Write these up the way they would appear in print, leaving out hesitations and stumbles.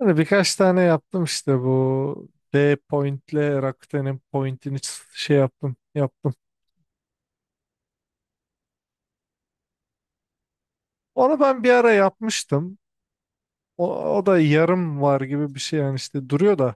Yani birkaç tane yaptım işte bu D Point'le Rakuten'in Point'ini şey yaptım yaptım. Onu ben bir ara yapmıştım. O, o da yarım var gibi bir şey yani işte duruyor da.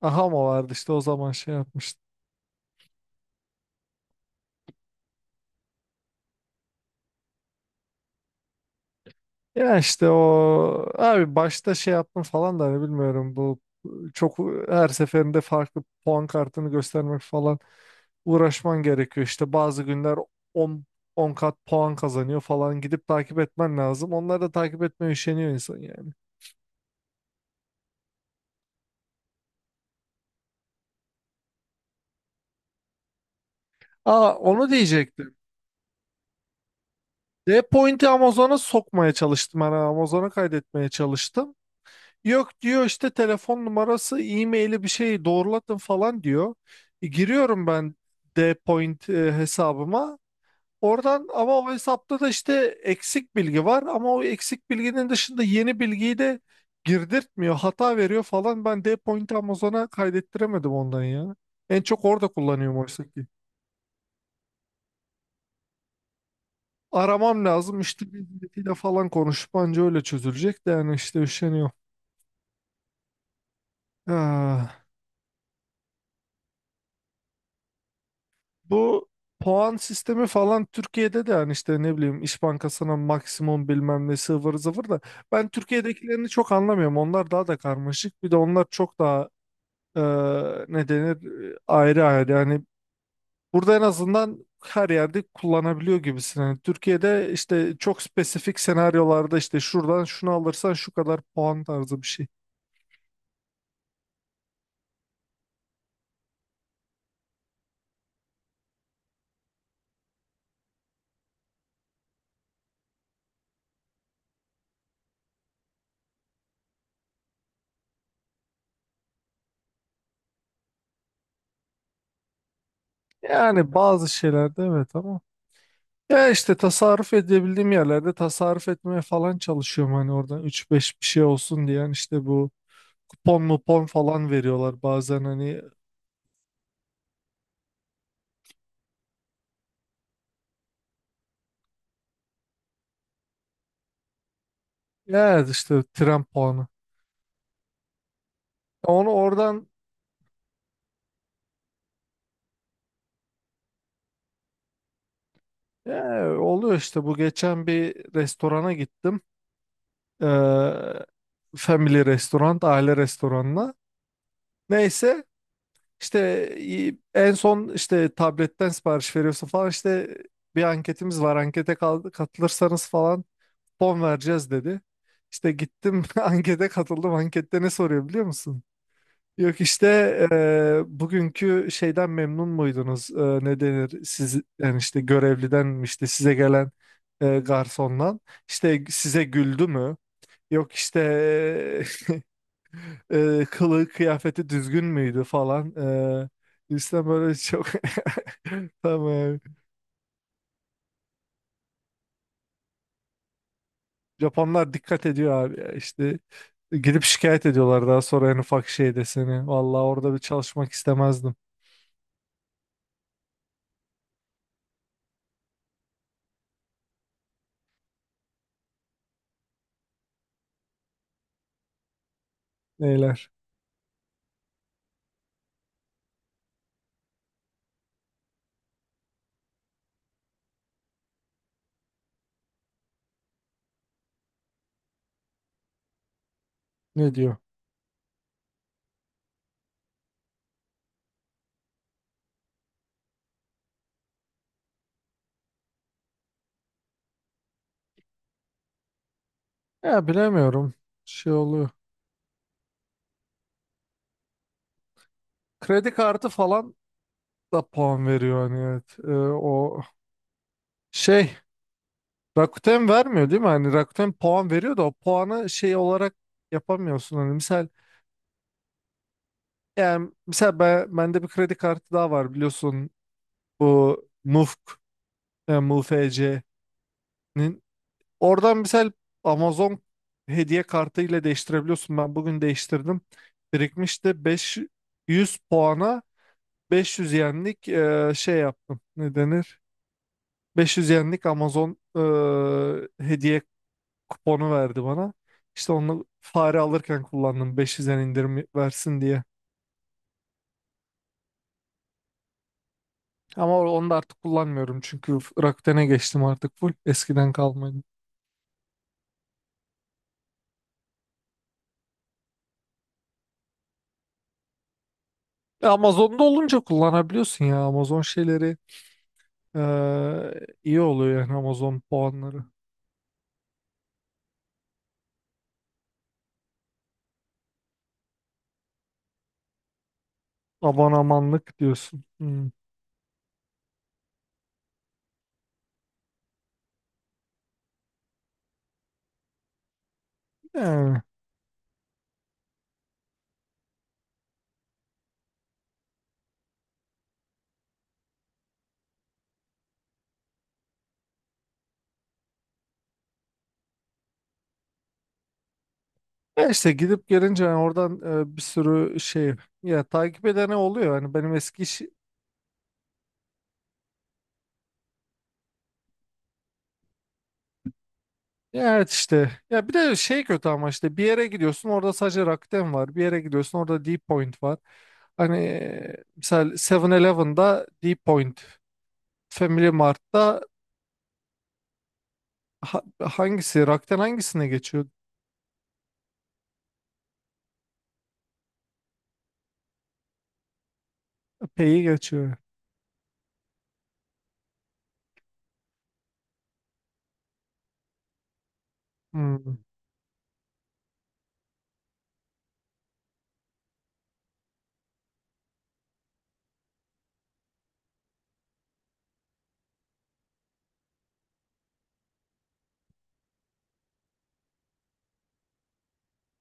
Aha mı vardı işte o zaman şey yapmıştım. Ya işte o abi başta şey yaptım falan da hani bilmiyorum bu çok her seferinde farklı puan kartını göstermek falan uğraşman gerekiyor. İşte bazı günler 10 10 kat puan kazanıyor falan gidip takip etmen lazım. Onları da takip etmeye üşeniyor insan yani. Aa, onu diyecektim. D point'i Amazon'a sokmaya çalıştım. Yani Amazon'a kaydetmeye çalıştım. Yok diyor işte telefon numarası, e-maili bir şeyi doğrulatın falan diyor. Giriyorum ben D point hesabıma. Oradan ama o hesapta da işte eksik bilgi var ama o eksik bilginin dışında yeni bilgiyi de girdirtmiyor. Hata veriyor falan. Ben Dpoint Amazon'a kaydettiremedim ondan ya. En çok orada kullanıyorum oysa ki. Aramam lazım müşteri hizmetiyle falan konuşup anca öyle çözülecek de yani işte üşeniyorum. Ah, bu puan sistemi falan Türkiye'de de yani işte ne bileyim İş Bankası'na maksimum bilmem ne sıvır zıvır da ben Türkiye'dekilerini çok anlamıyorum. Onlar daha da karmaşık. Bir de onlar çok daha e, ne denir ayrı ayrı yani burada en azından her yerde kullanabiliyor gibisin. Yani Türkiye'de işte çok spesifik senaryolarda işte şuradan şunu alırsan şu kadar puan tarzı bir şey. Yani bazı şeylerde evet ama ya işte tasarruf edebildiğim yerlerde tasarruf etmeye falan çalışıyorum hani oradan üç beş bir şey olsun diye yani işte bu kupon mupon falan veriyorlar bazen hani ya işte tren puanı onu oradan ya, oluyor işte bu geçen bir restorana gittim. Ee, family restoran, aile restoranına. Neyse işte en son işte tabletten sipariş veriyorsun falan işte bir anketimiz var ankete katılırsanız falan fon vereceğiz dedi. İşte gittim ankete katıldım ankette ne soruyor biliyor musun? Yok işte bugünkü şeyden memnun muydunuz? Ne denir? Siz yani işte görevliden mi işte size gelen garsondan işte size güldü mü? Yok işte kılığı kıyafeti düzgün müydü falan. E, işte böyle çok tamam. Japonlar dikkat ediyor abi ya işte gidip şikayet ediyorlar daha sonra en ufak şeyde seni. Vallahi orada bir çalışmak istemezdim. Neyler? Ne diyor? Ya bilemiyorum. Şey oluyor. Kredi kartı falan da puan veriyor hani evet. O şey Rakuten vermiyor değil mi? Hani Rakuten puan veriyor da o puanı şey olarak yapamıyorsun. Hani misal yani misal ben, bende bir kredi kartı daha var biliyorsun bu MUFK yani MUFC'nin oradan misal Amazon hediye kartı ile değiştirebiliyorsun. Ben bugün değiştirdim. Birikmişti 500 puana 500 yenlik şey yaptım. Ne denir? 500 yenlik Amazon hediye kuponu verdi bana. İşte onu fare alırken kullandım 500 yen indirim versin diye. Ama onu da artık kullanmıyorum çünkü Rakuten'e geçtim artık full eskiden kalmadı. Amazon'da olunca kullanabiliyorsun ya Amazon şeyleri e, iyi oluyor yani Amazon puanları. Abonamanlık diyorsun. Hmm. Yani. Ya işte gidip gelince yani oradan bir sürü şey ya takip edene oluyor. Hani benim eski iş, ya, evet, işte. Ya bir de şey kötü ama işte bir yere gidiyorsun orada sadece Rakuten var. Bir yere gidiyorsun orada D-Point var. Hani mesela Seven elevenda D-Point, Family Mart'ta hangisi Rakuten hangisine geçiyor? Pay'i geçiyor. Hmm.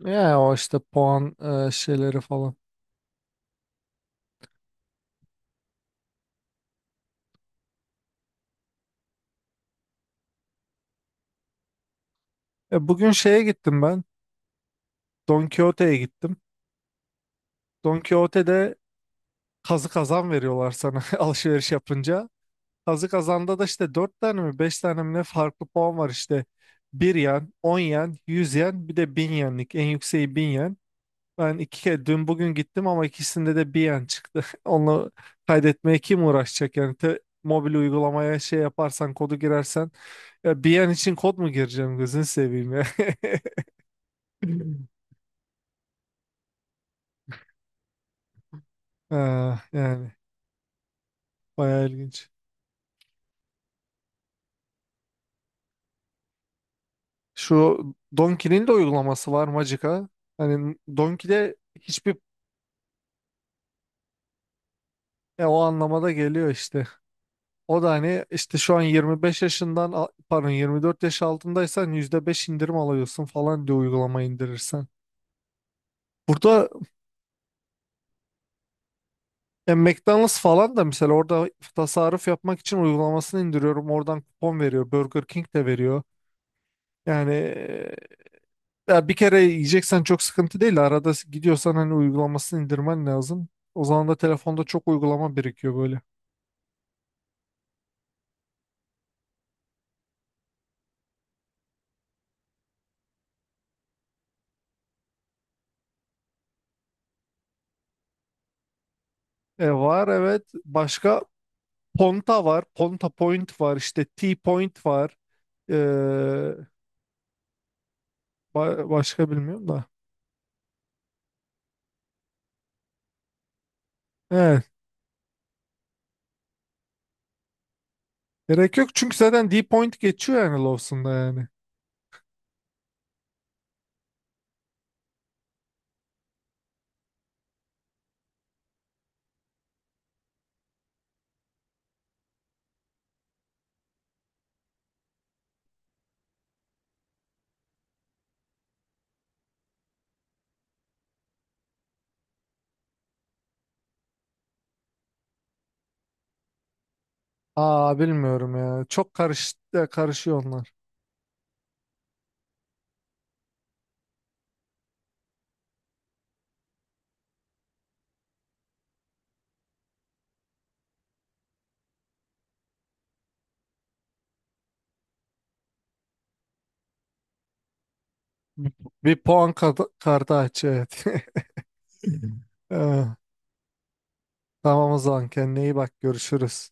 Ya o işte puan şeyleri falan. Bugün şeye gittim ben. Don Quixote'ye gittim. Don Quixote'de kazı kazan veriyorlar sana alışveriş yapınca. Kazı kazanda da işte 4 tane mi 5 tane mi ne farklı puan var işte. 1 yen, 10 yen, 100 yen bir de 1.000 yenlik. En yükseği 1.000 yen. Ben iki kere dün bugün gittim ama ikisinde de 1 yen çıktı. Onu kaydetmeye kim uğraşacak yani mobil uygulamaya şey yaparsan kodu girersen ya 1 yen için kod mu gireceğim gözünü seveyim ya. Ha, yani bayağı ilginç. Şu Donkey'nin de uygulaması var Magica. Hani Donkey'de hiçbir o anlamada geliyor işte. O da hani işte şu an 25 yaşından pardon 24 yaş altındaysan %5 indirim alıyorsun falan diye uygulama indirirsen. Burada McDonald's falan da mesela orada tasarruf yapmak için uygulamasını indiriyorum. Oradan kupon veriyor. Burger King de veriyor. Yani ya bir kere yiyeceksen çok sıkıntı değil. Arada gidiyorsan hani uygulamasını indirmen lazım. O zaman da telefonda çok uygulama birikiyor böyle. Var evet. Başka Ponta var. Ponta Point var. İşte T-Point var. E, başka bilmiyorum da. Evet. Gerek yok çünkü zaten D point geçiyor yani Lawson'da yani. Aa, bilmiyorum ya. Çok karışıyor onlar. Bir, bir puan kartı aç evet. Ee, Tamam o zaman kendine iyi bak görüşürüz.